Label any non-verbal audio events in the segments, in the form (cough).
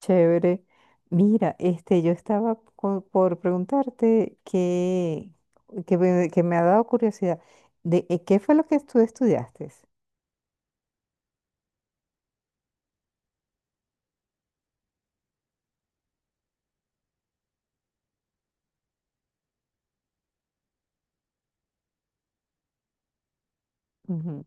Chévere. Mira, este, yo estaba por preguntarte que me ha dado curiosidad de qué fue lo que tú estudiaste. Ujú.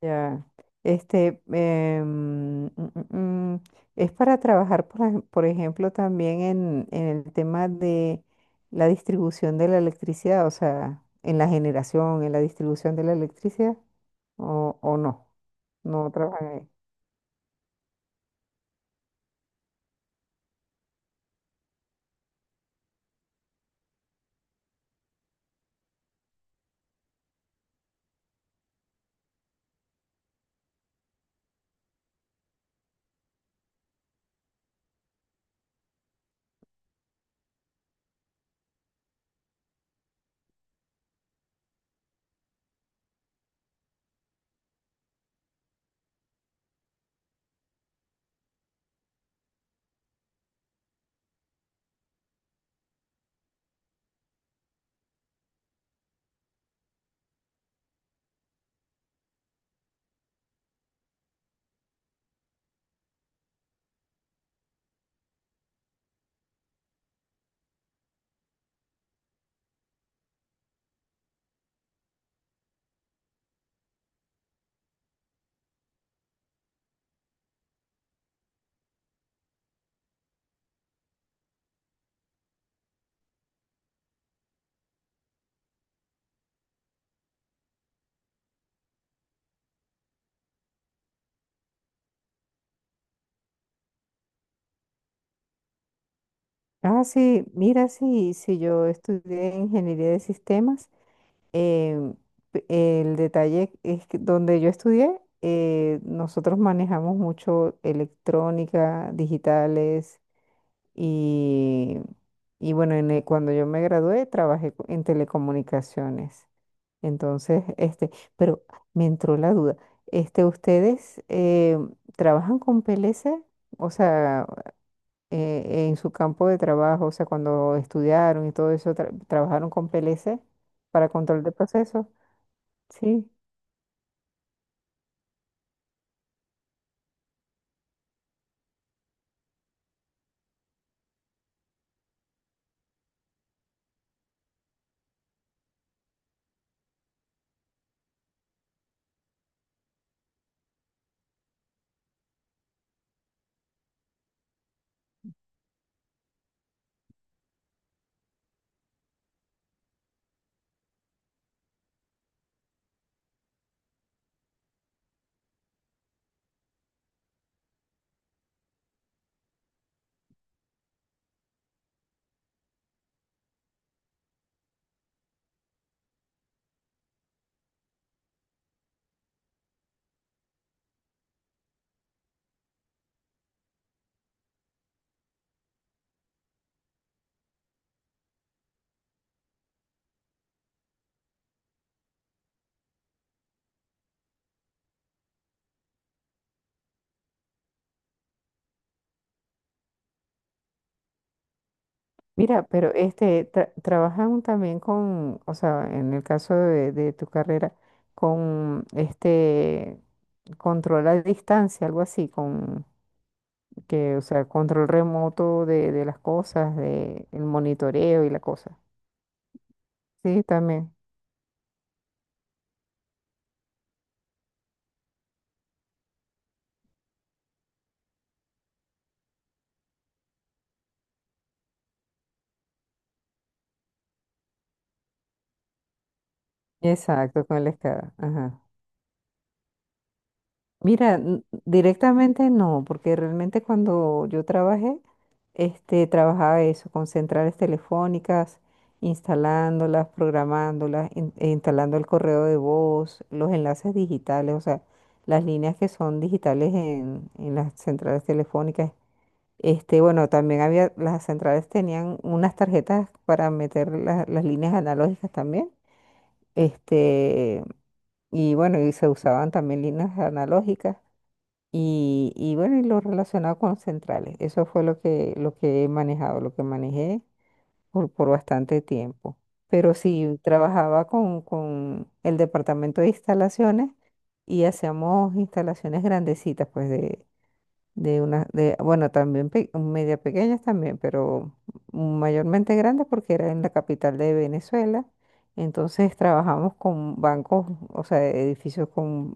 Ya. Este, em, mm, mm, mm, es para trabajar, por ejemplo, también en el tema de la distribución de la electricidad, o sea, en la generación, en la distribución de la electricidad, o no, no trabajan ahí. Ah, sí, mira, sí, sí, yo estudié ingeniería de sistemas. em, el detalle es que donde yo estudié, nosotros manejamos mucho electrónica, digitales y, y bueno, en cuando yo me gradué trabajé en telecomunicaciones. Entonces, este, pero me entró la duda. Este, ¿ustedes trabajan con PLC? O sea, en su campo de trabajo, o sea, cuando estudiaron y todo eso, trabajaron con PLC para control de procesos. Sí, mira, pero este, trabajan también con, o sea, en el caso de tu carrera, con este control a distancia, algo así, con que, o sea, control remoto de las cosas, de el monitoreo y la cosa. Sí, también. Exacto, con la escala. Ajá. Mira, directamente no, porque realmente cuando yo trabajé, este, trabajaba eso, con centrales telefónicas, instalándolas, programándolas, e instalando el correo de voz, los enlaces digitales, o sea, las líneas que son digitales en las centrales telefónicas. Este, bueno, también había, las centrales tenían unas tarjetas para meter las líneas analógicas también. Este, y bueno, y se usaban también líneas analógicas. Y bueno, y lo relacionado con centrales. Eso fue lo lo que he manejado, lo que manejé por bastante tiempo. Pero sí, trabajaba con el departamento de instalaciones y hacíamos instalaciones grandecitas, pues bueno, también media pequeñas también, pero mayormente grandes porque era en la capital de Venezuela. Entonces trabajamos con bancos, o sea, edificios con,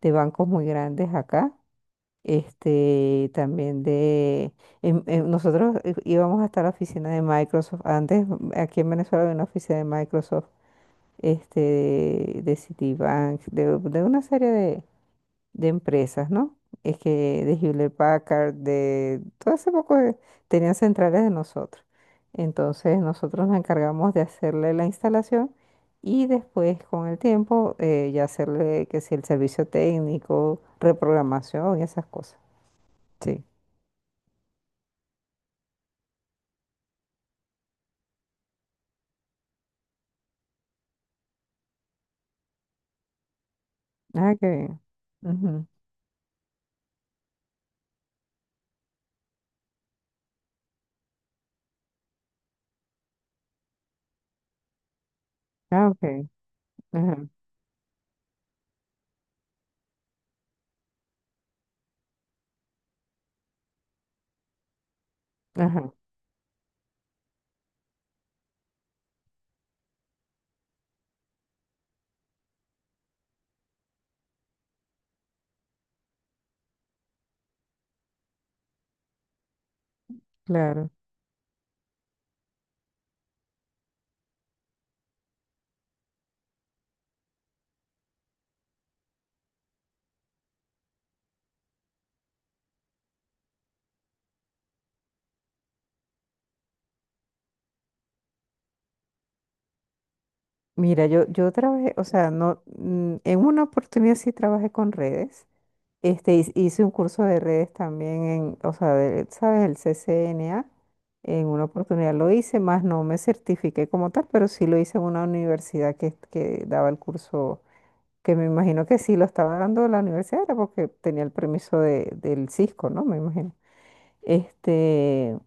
de bancos muy grandes acá este, también de, nosotros íbamos hasta la oficina de Microsoft. Antes, aquí en Venezuela había una oficina de Microsoft, este, de Citibank, de una serie de empresas, ¿no? Es que de Hewlett Packard, de todo ese poco tenían centrales de nosotros. Entonces, nosotros nos encargamos de hacerle la instalación y después, con el tiempo, ya hacerle que si el servicio técnico, reprogramación y esas cosas. Sí. Ah, qué bien. Ujú. Ah, ok. Ajá, ajá, claro. Mira, yo trabajé, o sea, no, mm, en una oportunidad sí trabajé con redes. Este, hice un curso de redes también en, o sea, ¿de- sabes? El CCNA. En una oportunidad lo hice, más no me certifiqué como tal, pero sí lo hice en una universidad que daba el curso, que me imagino que sí lo estaba dando la universidad, era porque tenía el permiso de, del Cisco, ¿no? Me imagino. Este.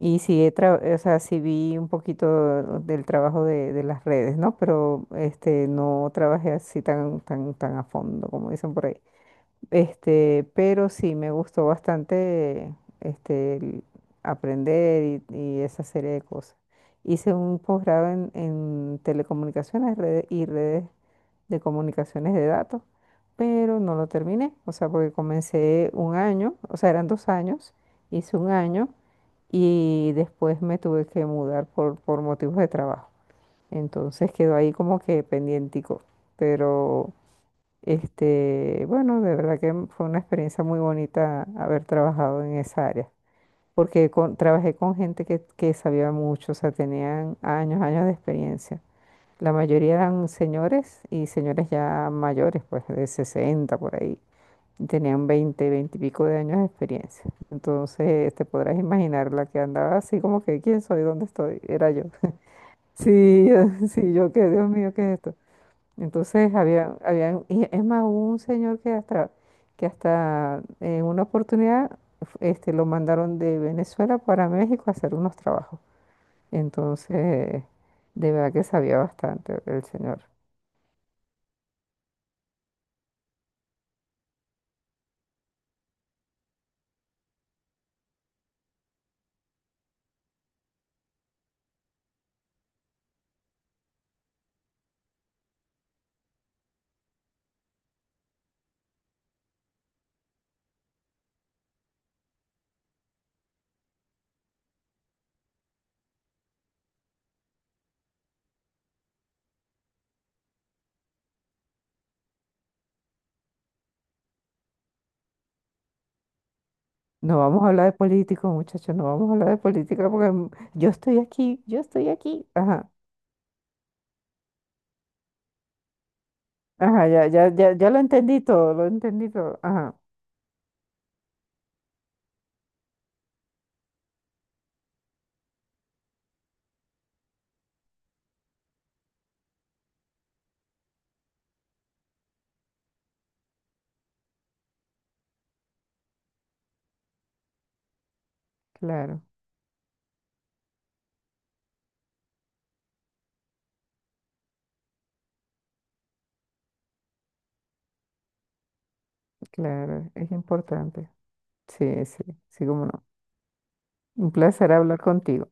Y sí, o sea, sí vi un poquito del trabajo de las redes, ¿no? Pero este, no trabajé así tan a fondo, como dicen por ahí. Este, pero sí, me gustó bastante este, el aprender y esa serie de cosas. Hice un posgrado en telecomunicaciones y redes de comunicaciones de datos, pero no lo terminé, o sea, porque comencé un año, o sea, eran dos años, hice un año y después me tuve que mudar por motivos de trabajo. Entonces quedó ahí como que pendientico, pero... Este, bueno, de verdad que fue una experiencia muy bonita haber trabajado en esa área, porque trabajé con gente que sabía mucho, o sea, tenían años, años de experiencia. La mayoría eran señores y señores ya mayores, pues de 60 por ahí. Y tenían 20, 20 y pico de años de experiencia. Entonces, te podrás imaginar la que andaba así como que, ¿quién soy? ¿Dónde estoy? Era yo. (laughs) Sí, (laughs) sí, yo qué, Dios mío, ¿qué es esto? Entonces y es más, hubo un señor que hasta en una oportunidad este, lo mandaron de Venezuela para México a hacer unos trabajos. Entonces, de verdad que sabía bastante el señor. No vamos a hablar de políticos, muchachos, no vamos a hablar de política porque mm, yo estoy aquí, yo estoy aquí. Ajá, ajá, ya, ya, ya, ya lo entendí todo, lo entendí todo. Ajá, claro, claro, es importante. Sí, sí, sí, cómo no. Un placer hablar contigo.